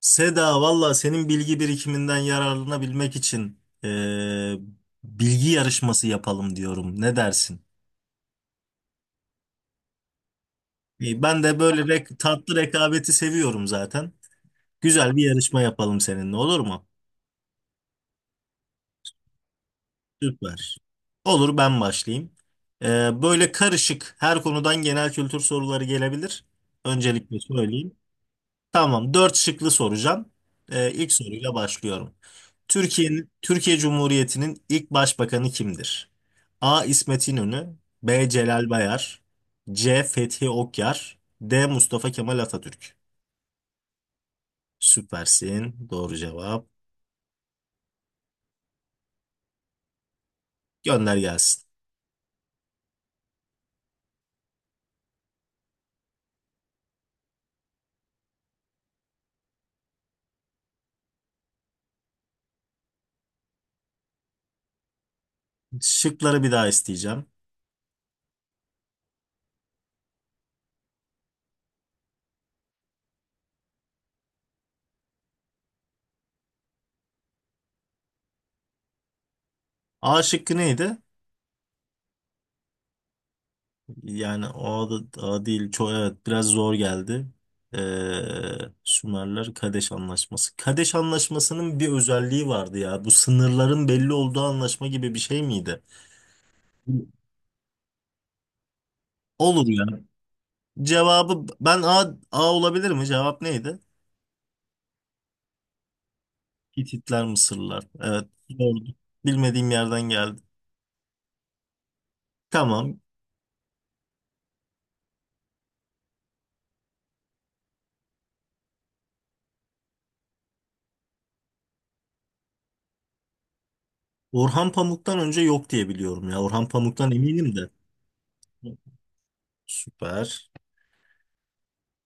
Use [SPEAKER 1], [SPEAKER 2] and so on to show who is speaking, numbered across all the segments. [SPEAKER 1] Seda valla senin bilgi birikiminden yararlanabilmek için bilgi yarışması yapalım diyorum. Ne dersin? İyi, ben de böyle tatlı rekabeti seviyorum zaten. Güzel bir yarışma yapalım seninle, olur mu? Süper. Olur, ben başlayayım. Böyle karışık her konudan genel kültür soruları gelebilir. Öncelikle söyleyeyim. Tamam, dört şıklı soracağım. İlk soruyla başlıyorum. Türkiye Cumhuriyeti'nin ilk başbakanı kimdir? A. İsmet İnönü, B. Celal Bayar, C. Fethi Okyar, D. Mustafa Kemal Atatürk. Süpersin. Doğru cevap. Gönder gelsin. Şıkları bir daha isteyeceğim. A şıkkı neydi? Yani o da o değil. Çok, evet, biraz zor geldi. Ee, Sümerler Kadeş Anlaşması. Kadeş Anlaşması'nın bir özelliği vardı ya. Bu sınırların belli olduğu anlaşma gibi bir şey miydi? Olur ya. Cevabı ben A, A olabilir mi? Cevap neydi? Hititler, Mısırlılar. Evet, doğru. Bilmediğim yerden geldi. Tamam. Orhan Pamuk'tan önce yok diye biliyorum ya. Orhan Pamuk'tan eminim de. Süper.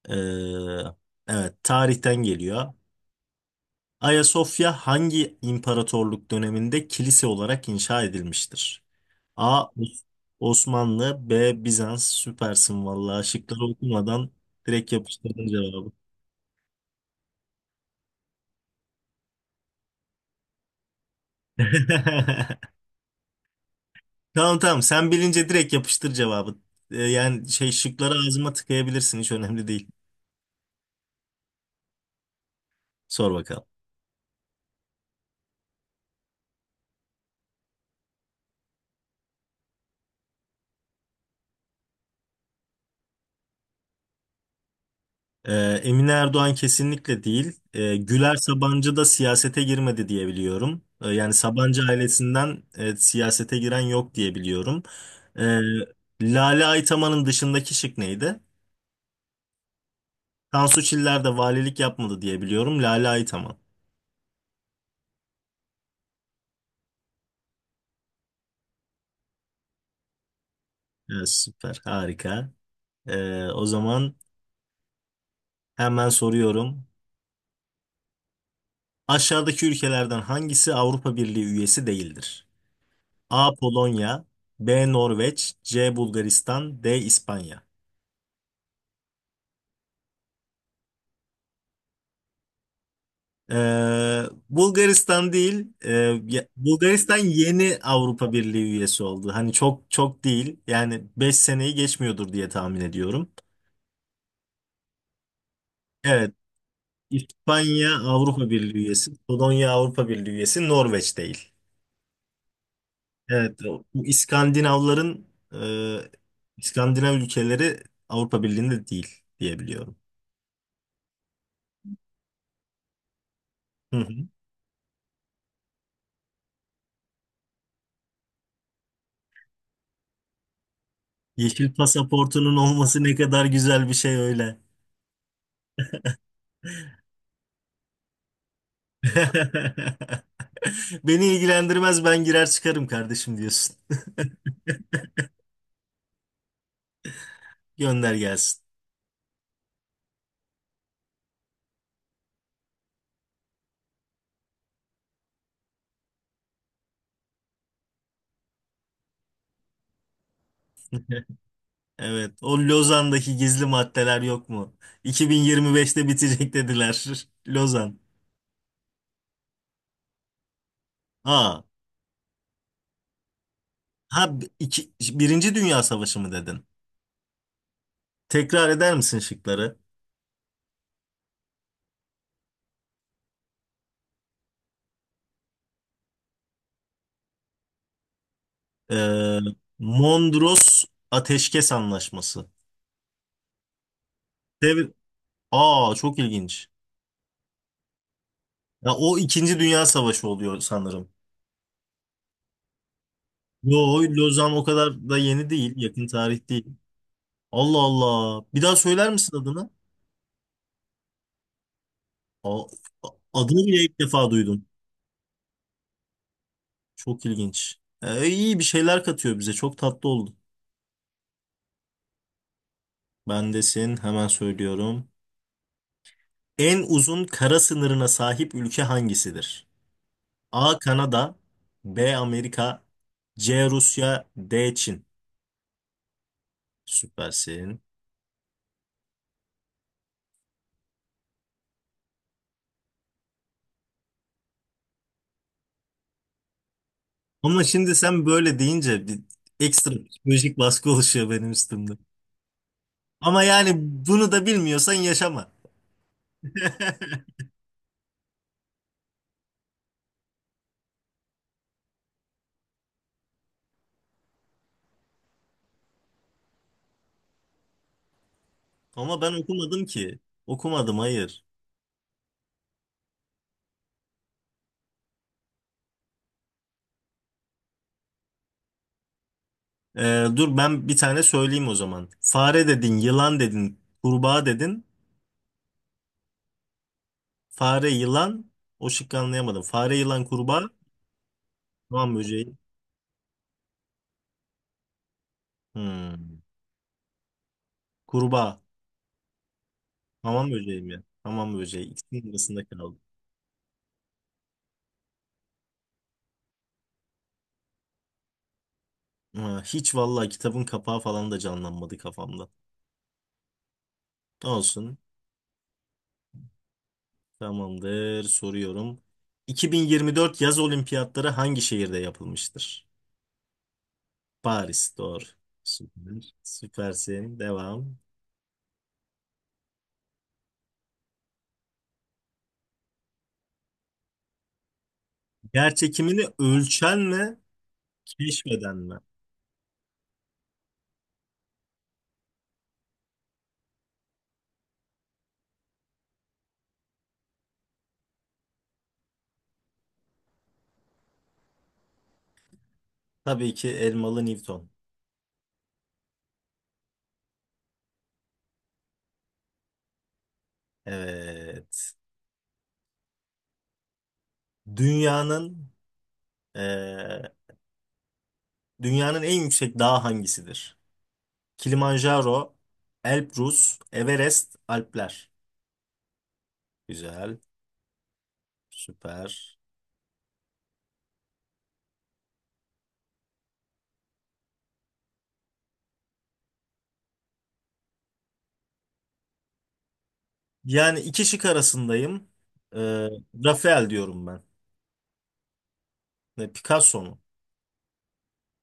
[SPEAKER 1] Ee, evet, tarihten geliyor. Ayasofya hangi imparatorluk döneminde kilise olarak inşa edilmiştir? A. Osmanlı, B. Bizans. Süpersin vallahi, şıkları okumadan direkt yapıştırdın cevabı. Tamam tamam, sen bilince direkt yapıştır cevabı. Yani şıkları ağzıma tıkayabilirsin, hiç önemli değil. Sor bakalım. Ee, Emine Erdoğan kesinlikle değil. Güler Sabancı da siyasete girmedi diye biliyorum. Yani Sabancı ailesinden siyasete giren yok diye biliyorum. Ee, Lale Aytaman'ın dışındaki şık neydi? Tansu Çiller de valilik yapmadı diye biliyorum. Lale Aytaman. Evet, süper, harika. O zaman hemen soruyorum. Aşağıdaki ülkelerden hangisi Avrupa Birliği üyesi değildir? A. Polonya, B. Norveç, C. Bulgaristan, D. İspanya. Ee, Bulgaristan değil, Bulgaristan yeni Avrupa Birliği üyesi oldu. Hani çok çok değil, yani 5 seneyi geçmiyordur diye tahmin ediyorum. Evet, İspanya Avrupa Birliği üyesi, Polonya Avrupa Birliği üyesi, Norveç değil. Evet, bu İskandinavların, İskandinav ülkeleri Avrupa Birliği'nde değil diyebiliyorum. Hı hı. Yeşil pasaportunun olması ne kadar güzel bir şey öyle. Beni ilgilendirmez, ben girer çıkarım kardeşim diyorsun. Gönder gelsin. Evet, o Lozan'daki gizli maddeler yok mu? 2025'te bitecek dediler. Lozan. Aa, ha iki, Birinci Dünya Savaşı mı dedin? Tekrar eder misin şıkları? Ee, Mondros Ateşkes Anlaşması. Dev, aa, çok ilginç. Ya o İkinci Dünya Savaşı oluyor sanırım. Yo, Lozan o kadar da yeni değil, yakın tarih değil. Allah Allah. Bir daha söyler misin adını? Aa, adını bile ilk defa duydum. Çok ilginç. İyi bir şeyler katıyor bize. Çok tatlı oldu. Bendesin. Hemen söylüyorum. En uzun kara sınırına sahip ülke hangisidir? A. Kanada, B. Amerika, C. Rusya, D. Çin. Süpersin. Ama şimdi sen böyle deyince bir ekstra psikolojik baskı oluşuyor benim üstümde. Ama yani bunu da bilmiyorsan yaşama. Ama ben okumadım ki. Okumadım, hayır. Dur ben bir tane söyleyeyim o zaman. Fare dedin, yılan dedin, kurbağa dedin. Fare, yılan. O şıkkı anlayamadım. Fare, yılan, kurbağa. Hamam böceği. Hmm. Kurbağa. Hamam böceği mi? Hamam böceği. İkisinin arasında kaldım. Ha, hiç vallahi kitabın kapağı falan da canlanmadı kafamda. Olsun. Tamamdır. Soruyorum. 2024 yaz olimpiyatları hangi şehirde yapılmıştır? Paris. Doğru. Süper. Süpersin. Devam. Gerçekimini ölçen mi, keşfeden mi? Tabii ki Elmalı Newton. Evet. Dünyanın eee, Dünyanın en yüksek dağı hangisidir? Kilimanjaro, Elbrus, Everest, Alpler. Güzel, süper. Yani iki şık arasındayım. Eee, Rafael diyorum ben. Ne, Picasso mu?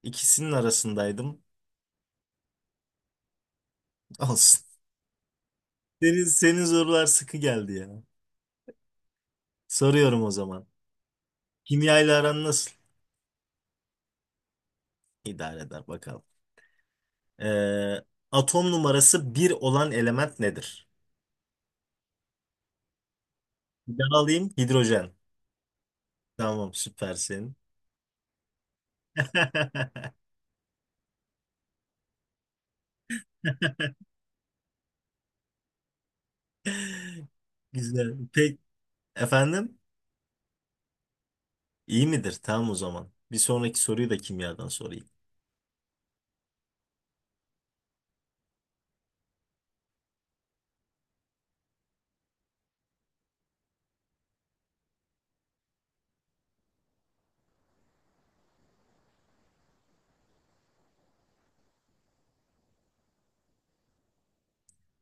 [SPEAKER 1] İkisinin arasındaydım. Olsun. Senin sorular sıkı geldi ya. Soruyorum o zaman. Kimyayla aran nasıl? İdare eder bakalım. Ee, Atom numarası bir olan element nedir? Bir daha alayım. Hidrojen. Tamam, süpersin. Güzel. Peki efendim? İyi midir? Tamam o zaman. Bir sonraki soruyu da kimyadan sorayım.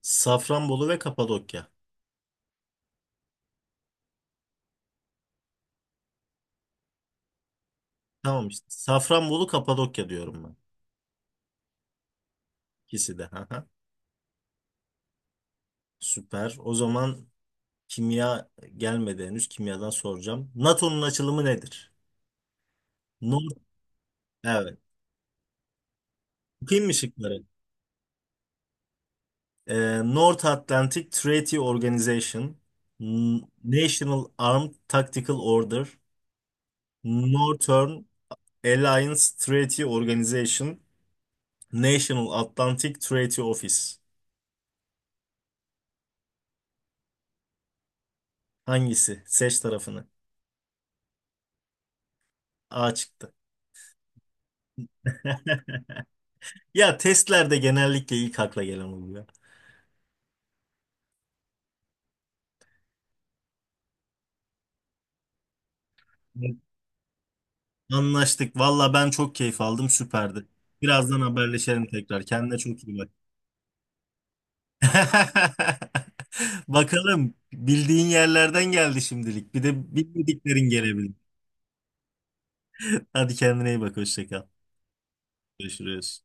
[SPEAKER 1] Safranbolu ve Kapadokya. Tamam işte. Safranbolu, Kapadokya diyorum ben. İkisi de. Haha. Süper. O zaman kimya gelmedi henüz. Kimyadan soracağım. NATO'nun açılımı nedir? Nord. Evet. Okuyayım mı şıkları? North Atlantic Treaty Organization, National Armed Tactical Order, Northern Alliance Treaty Organization, National Atlantic Treaty Office. Hangisi? Seç tarafını. A çıktı. Ya testlerde genellikle ilk akla gelen oluyor. Evet. Anlaştık. Valla ben çok keyif aldım. Süperdi. Birazdan haberleşelim tekrar. Kendine çok iyi bak. Bakalım, bildiğin yerlerden geldi şimdilik. Bir de bilmediklerin gelebilir. Hadi kendine iyi bak. Hoşça kal. Görüşürüz.